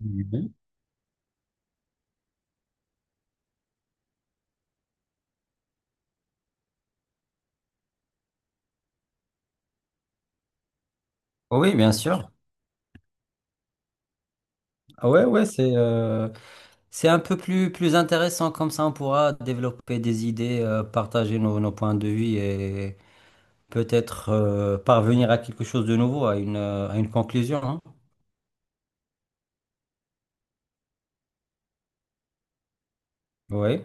Mhm. Oui, bien sûr. Ah ouais, ouais, c'est un peu plus, plus intéressant comme ça. On pourra développer des idées, partager nos points de vue et peut-être parvenir à quelque chose de nouveau, à une conclusion, hein. Oui,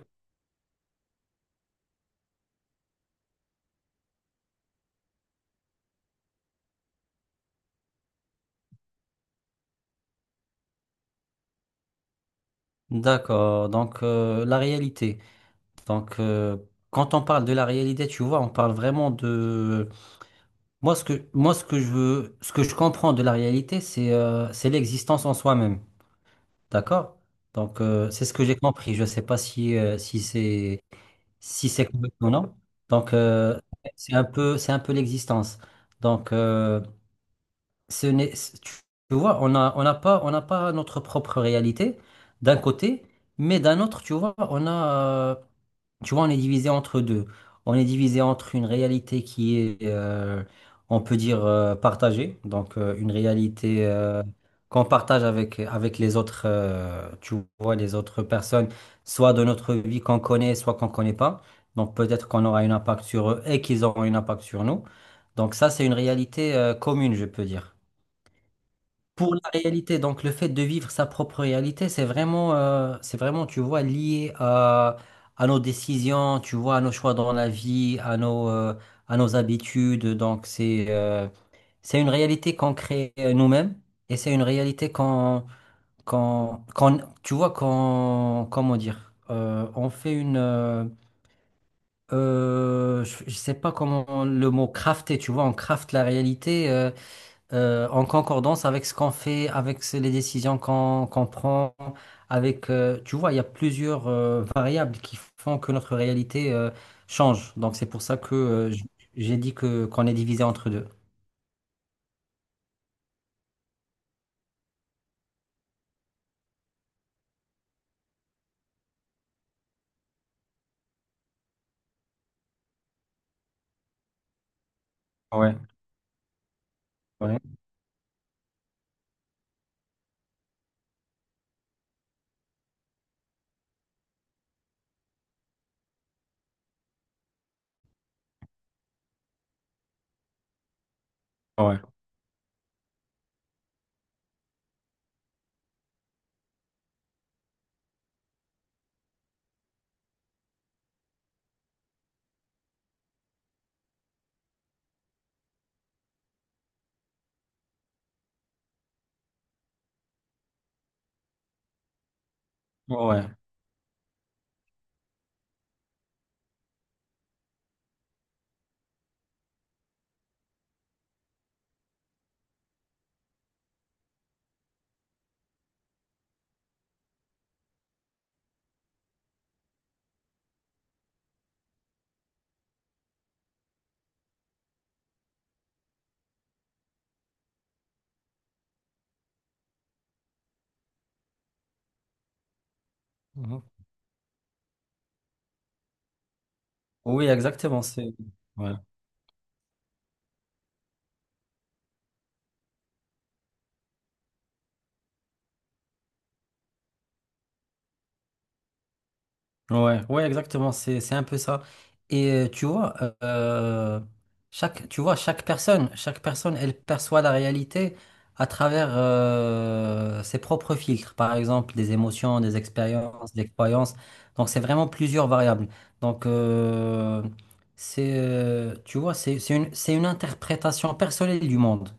d'accord. Donc, la réalité. Donc, quand on parle de la réalité, tu vois, on parle vraiment de. Moi, ce que je veux, ce que je comprends de la réalité, c'est l'existence en soi-même. D'accord? Donc, c'est ce que j'ai compris. Je ne sais pas si c'est correct ou non. Donc, c'est un peu l'existence. Donc, ce n'est, c- tu vois, on n'a pas notre propre réalité d'un côté, mais d'un autre, tu vois, euh, tu vois, on est divisé entre deux. On est divisé entre une réalité qui est, on peut dire, partagée, donc une réalité qu'on partage avec les autres, tu vois, les autres personnes, soit de notre vie qu'on connaît, soit qu'on ne connaît pas. Donc peut-être qu'on aura un impact sur eux et qu'ils auront un impact sur nous. Donc ça, c'est une réalité commune, je peux dire. Pour la réalité, donc le fait de vivre sa propre réalité, c'est vraiment, tu vois, lié à nos décisions, tu vois, à nos choix dans la vie, à nos habitudes. Donc c'est une réalité qu'on crée nous-mêmes, et c'est une réalité tu vois, comment dire, on fait une, je sais pas comment le mot crafter, tu vois, on crafte la réalité. En concordance avec ce qu'on fait, avec les décisions qu'on prend, avec, tu vois, il y a plusieurs variables qui font que notre réalité change. Donc c'est pour ça que j'ai dit que qu'on est divisé entre deux. Ouais, ouais, ouais, ouais. Mhm. Oui, exactement, c'est ouais. Ouais, ouais, exactement, c'est un peu ça. Et tu vois, euh, tu vois, chaque personne, elle perçoit la réalité à travers ses propres filtres, par exemple, des émotions, des expériences, des croyances. Donc, c'est vraiment plusieurs variables. Donc, tu vois, c'est une interprétation personnelle du monde.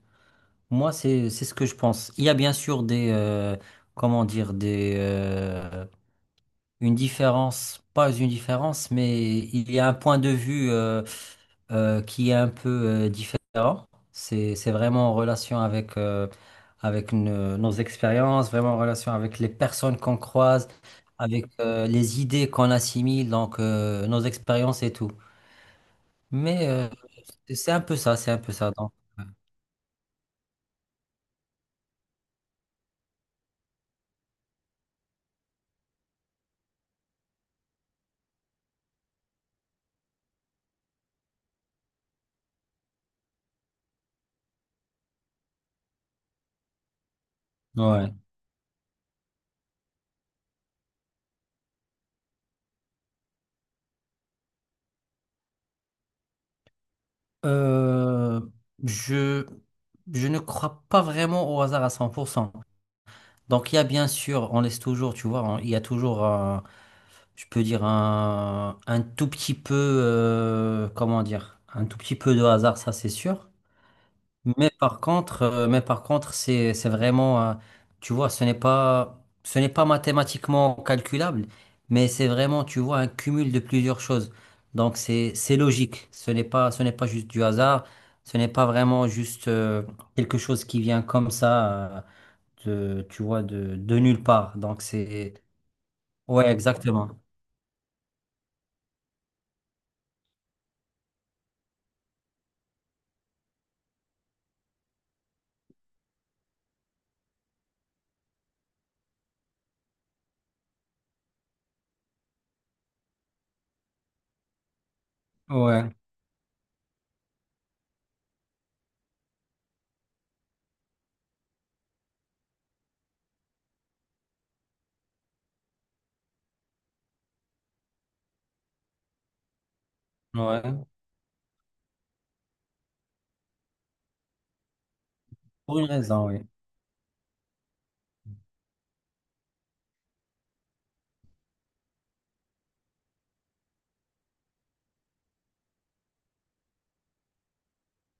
Moi, c'est ce que je pense. Il y a bien sûr des, comment dire, une différence, pas une différence, mais il y a un point de vue qui est un peu différent. C'est vraiment en relation avec, avec nos expériences, vraiment en relation avec les personnes qu'on croise, avec les idées qu'on assimile, donc nos expériences et tout. Mais c'est un peu ça, c'est un peu ça, donc. Ouais. Euh, je, je ne crois pas vraiment au hasard à 100%. Donc il y a bien sûr, on laisse toujours, tu vois, il y a toujours un, je peux dire un tout petit peu, comment dire, un tout petit peu de hasard, ça c'est sûr. Mais par contre, c'est vraiment, tu vois, ce n'est pas mathématiquement calculable, mais c'est vraiment, tu vois, un cumul de plusieurs choses. Donc c'est logique. Ce n'est pas juste du hasard. Ce n'est pas vraiment juste quelque chose qui vient comme ça. Tu vois, de nulle part. Donc, c'est. Ouais, exactement. Ouais, ouais. Pour une raison, oui.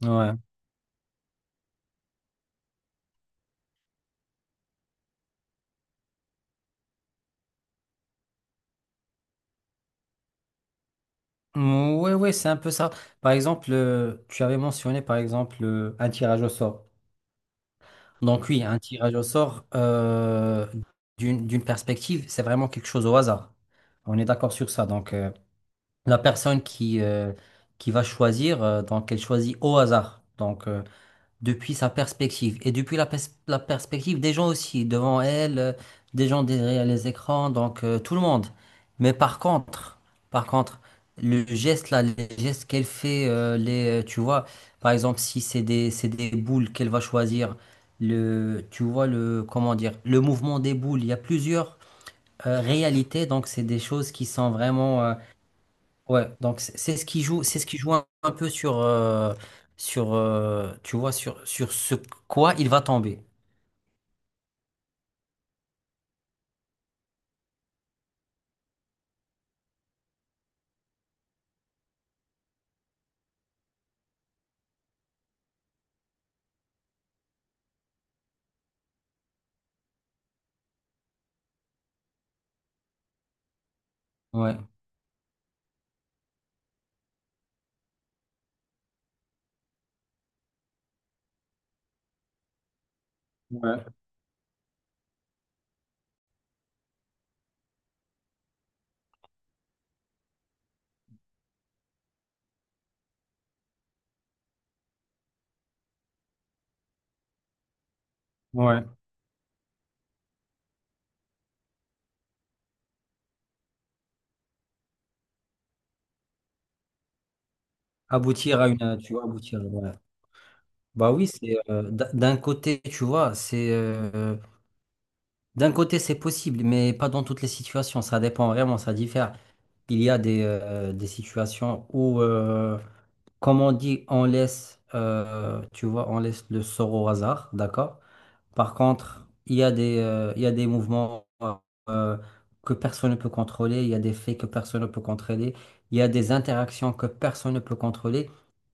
Ouais. Mm, ouais, ouais, c'est un peu ça. Par exemple, tu avais mentionné, par exemple, un tirage au sort. Donc, oui, un tirage au sort, d'une perspective, c'est vraiment quelque chose au hasard. On est d'accord sur ça. Donc, la personne qui va choisir, donc, elle choisit au hasard. Donc, depuis sa perspective et depuis la perspective des gens aussi, devant elle, des gens derrière les écrans, donc tout le monde. Mais par contre, par contre, les gestes qu'elle fait, tu vois, par exemple, si c'est des boules qu'elle va choisir, tu vois, comment dire, le mouvement des boules, il y a plusieurs réalités, donc c'est des choses qui sont vraiment. Ouais, donc c'est ce qui joue, un peu sur, tu vois, sur ce quoi il va tomber. Ouais, ouais. Tu vois, aboutir. Ouais. Bah oui, d'un côté, tu vois, c'est d'un côté c'est possible, mais pas dans toutes les situations. Ça dépend vraiment, ça diffère. Il y a des situations où, comme on dit, tu vois, on laisse le sort au hasard, d'accord? Par contre, il y a des mouvements euh, que personne ne peut contrôler, il y a des faits que personne ne peut contrôler, il y a des interactions que personne ne peut contrôler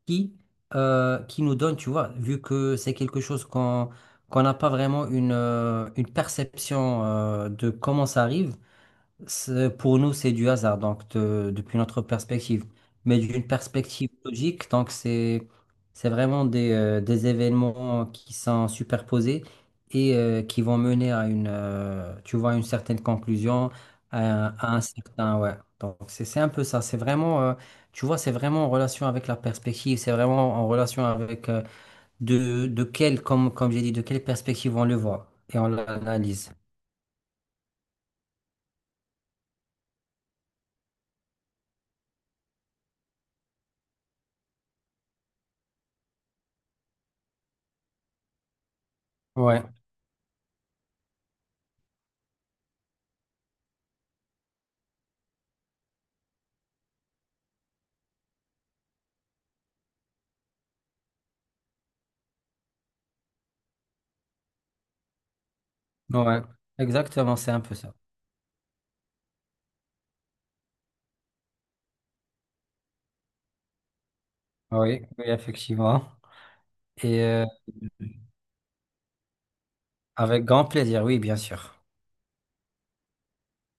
qui, qui nous donnent, tu vois, vu que c'est quelque chose qu'on n'a pas vraiment une perception de comment ça arrive. Pour nous, c'est du hasard, donc depuis notre perspective. Mais d'une perspective logique, donc c'est vraiment des événements qui sont superposés et qui vont mener à une, tu vois, une certaine conclusion, à un certain, ouais. Donc c'est un peu ça. C'est vraiment, tu vois, c'est vraiment en relation avec la perspective. C'est vraiment en relation avec comme j'ai dit, de quelle perspective on le voit et on l'analyse. Ouais, ouais, exactement, c'est un peu ça. Oui, oui, effectivement. Et avec grand plaisir, oui, bien sûr.